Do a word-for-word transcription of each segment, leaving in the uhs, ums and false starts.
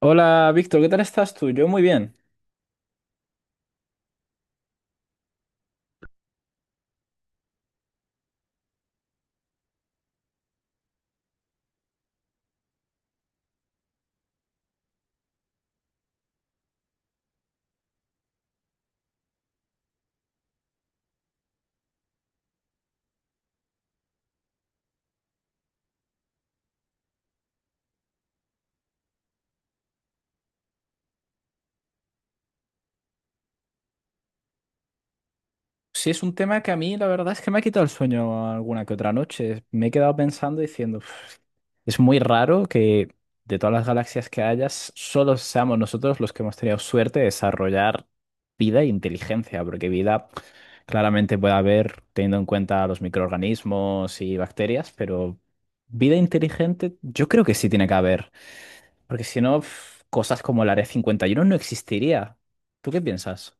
Hola Víctor, ¿qué tal estás tú? Yo muy bien. Sí, es un tema que a mí la verdad es que me ha quitado el sueño alguna que otra noche. Me he quedado pensando diciendo, "Uf, es muy raro que de todas las galaxias que hayas, solo seamos nosotros los que hemos tenido suerte de desarrollar vida e inteligencia, porque vida claramente puede haber teniendo en cuenta los microorganismos y bacterias, pero vida inteligente yo creo que sí tiene que haber, porque si no, uf, cosas como el Área cincuenta y uno no existiría." ¿Tú qué piensas?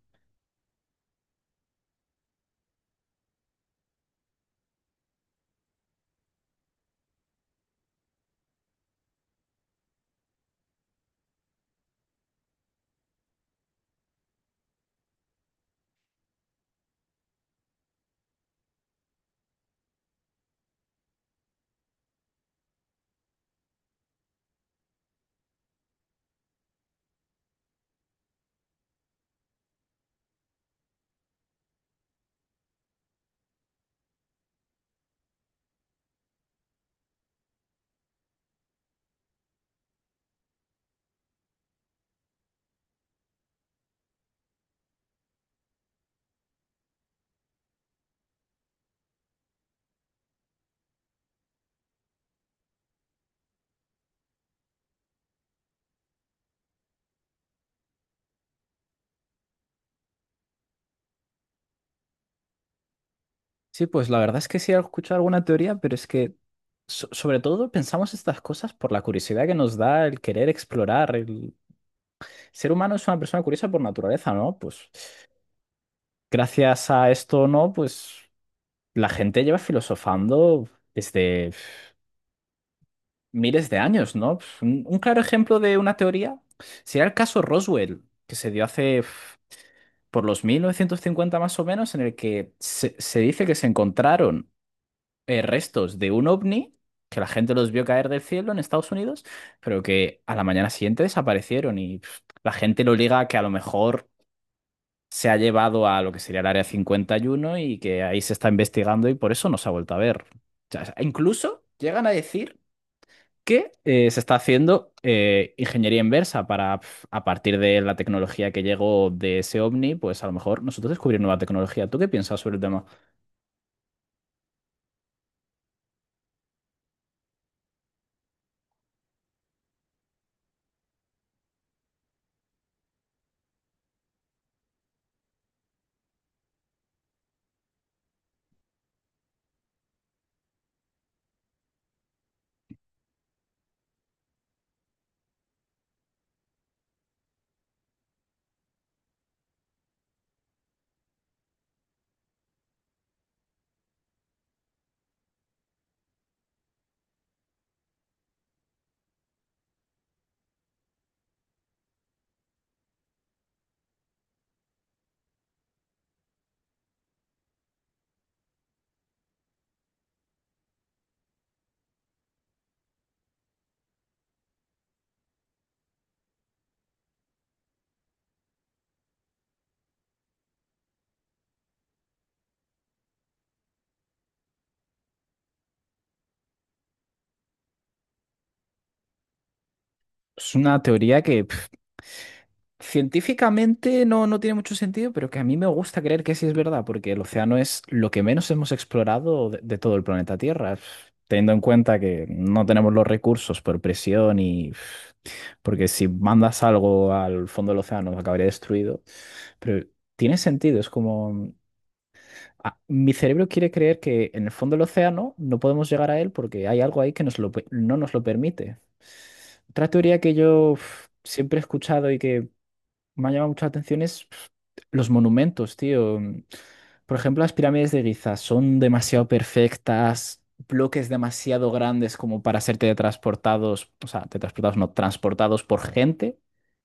Sí, pues la verdad es que sí he escuchado alguna teoría, pero es que so- sobre todo pensamos estas cosas por la curiosidad que nos da el querer explorar. El ser humano es una persona curiosa por naturaleza, ¿no? Pues gracias a esto, ¿no? Pues la gente lleva filosofando desde, pf, miles de años, ¿no? Pf, Un un claro ejemplo de una teoría sería el caso Roswell, que se dio hace, pf, por los mil novecientos cincuenta más o menos, en el que se se dice que se encontraron, eh, restos de un ovni, que la gente los vio caer del cielo en Estados Unidos, pero que a la mañana siguiente desaparecieron y, pf, la gente lo liga a que a lo mejor se ha llevado a lo que sería el Área cincuenta y uno y uno, y que ahí se está investigando y por eso no se ha vuelto a ver. O sea, incluso llegan a decir que, eh, se está haciendo, eh, ingeniería inversa para, pf, a partir de la tecnología que llegó de ese ovni, pues a lo mejor nosotros descubrir nueva tecnología. ¿Tú qué piensas sobre el tema? Es una teoría que científicamente no, no tiene mucho sentido, pero que a mí me gusta creer que sí es verdad, porque el océano es lo que menos hemos explorado de, de todo el planeta Tierra, teniendo en cuenta que no tenemos los recursos por presión, y porque si mandas algo al fondo del océano acabaría destruido, pero tiene sentido, es como... ah, mi cerebro quiere creer que en el fondo del océano no podemos llegar a él porque hay algo ahí que nos lo pe- no nos lo permite. Otra teoría que yo, uf, siempre he escuchado y que me ha llamado mucho la atención es, pf, los monumentos, tío. Por ejemplo, las pirámides de Giza son demasiado perfectas, bloques demasiado grandes como para ser teletransportados, o sea, teletransportados no, transportados por gente.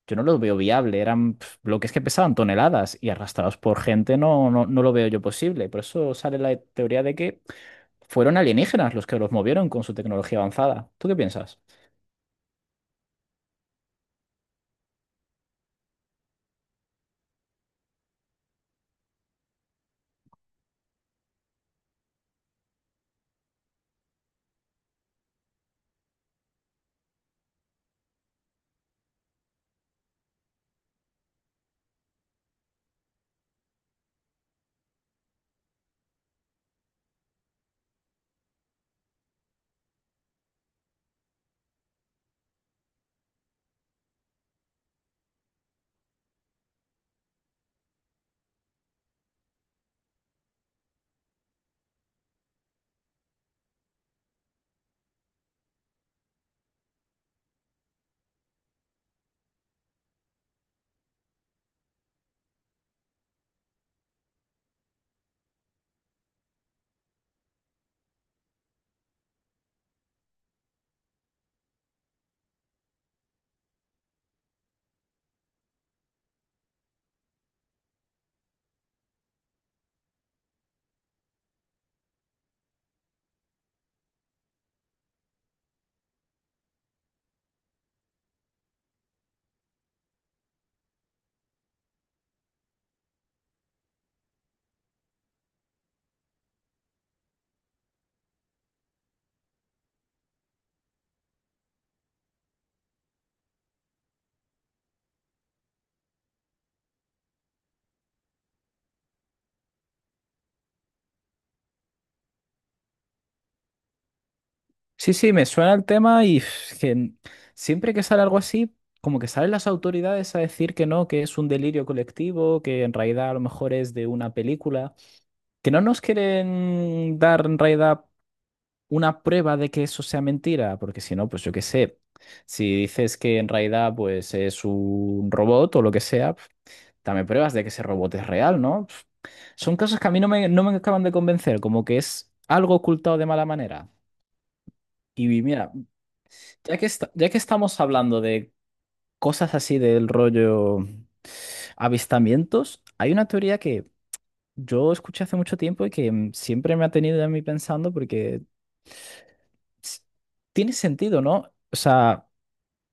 Yo no los veo viable, eran, pf, bloques que pesaban toneladas, y arrastrados por gente no, no, no lo veo yo posible. Por eso sale la teoría de que fueron alienígenas los que los movieron con su tecnología avanzada. ¿Tú qué piensas? Sí, sí, me suena el tema, y pf, que n- siempre que sale algo así, como que salen las autoridades a decir que no, que es un delirio colectivo, que en realidad a lo mejor es de una película, que no nos quieren dar en realidad una prueba de que eso sea mentira, porque si no, pues yo qué sé, si dices que en realidad pues es un robot o lo que sea, pf, dame pruebas de que ese robot es real, ¿no? Pf, Son cosas que a mí no me, no me acaban de convencer, como que es algo ocultado de mala manera. Y mira, ya que, esta- ya que estamos hablando de cosas así, del rollo avistamientos, hay una teoría que yo escuché hace mucho tiempo y que, mm, siempre me ha tenido a mí pensando porque, s- tiene sentido, ¿no? O sea,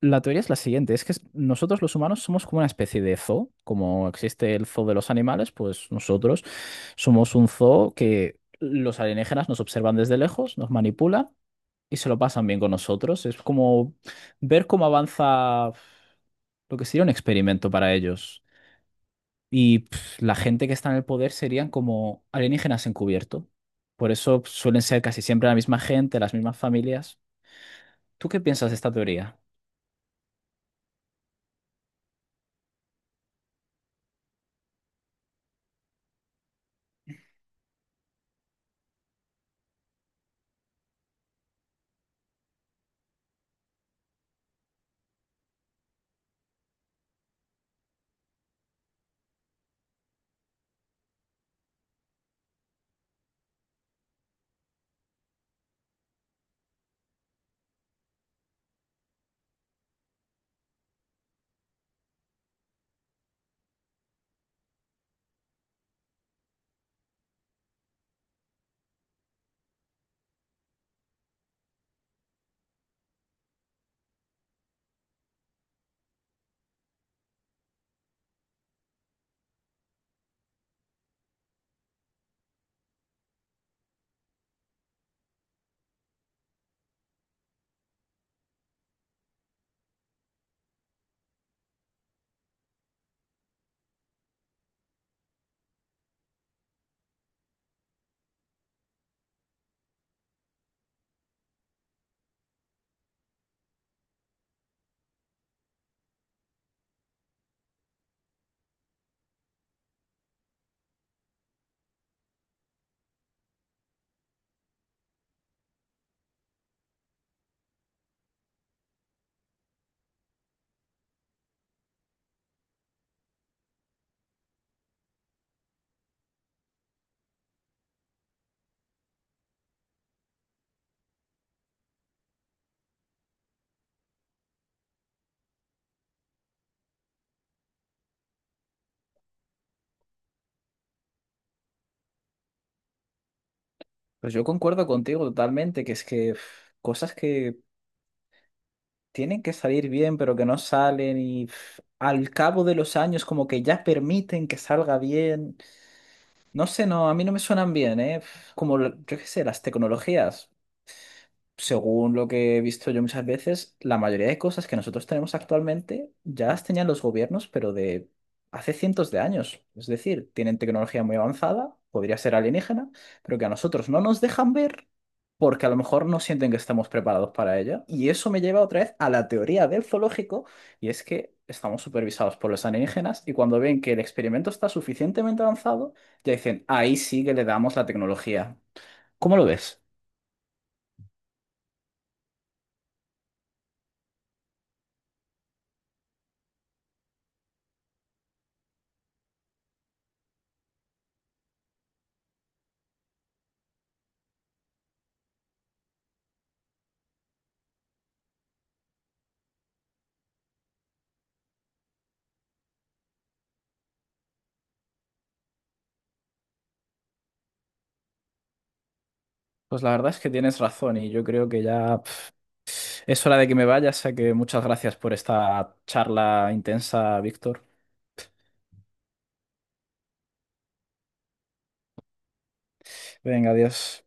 la teoría es la siguiente, es que s- nosotros los humanos somos como una especie de zoo; como existe el zoo de los animales, pues nosotros somos un zoo que los alienígenas nos observan desde lejos, nos manipulan y se lo pasan bien con nosotros. Es como ver cómo avanza lo que sería un experimento para ellos. Y, pf, la gente que está en el poder serían como alienígenas encubierto. Por eso suelen ser casi siempre la misma gente, las mismas familias. ¿Tú qué piensas de esta teoría? Pues yo concuerdo contigo totalmente, que es que, pf, cosas que tienen que salir bien, pero que no salen, y pf, al cabo de los años como que ya permiten que salga bien. No sé, no, a mí no me suenan bien, ¿eh? Pf, Como, lo- yo qué sé, las tecnologías, según lo que he visto yo muchas veces, la mayoría de cosas que nosotros tenemos actualmente ya las tenían los gobiernos, pero de hace cientos de años. Es decir, tienen tecnología muy avanzada, podría ser alienígena, pero que a nosotros no nos dejan ver porque a lo mejor no sienten que estamos preparados para ella. Y eso me lleva otra vez a la teoría del zoológico, y es que estamos supervisados por los alienígenas, y cuando ven que el experimento está suficientemente avanzado, ya dicen, ahí sí que le damos la tecnología. ¿Cómo lo ves? Pues la verdad es que tienes razón y yo creo que ya, pf, es hora de que me vaya, así que muchas gracias por esta charla intensa, Víctor. Venga, adiós.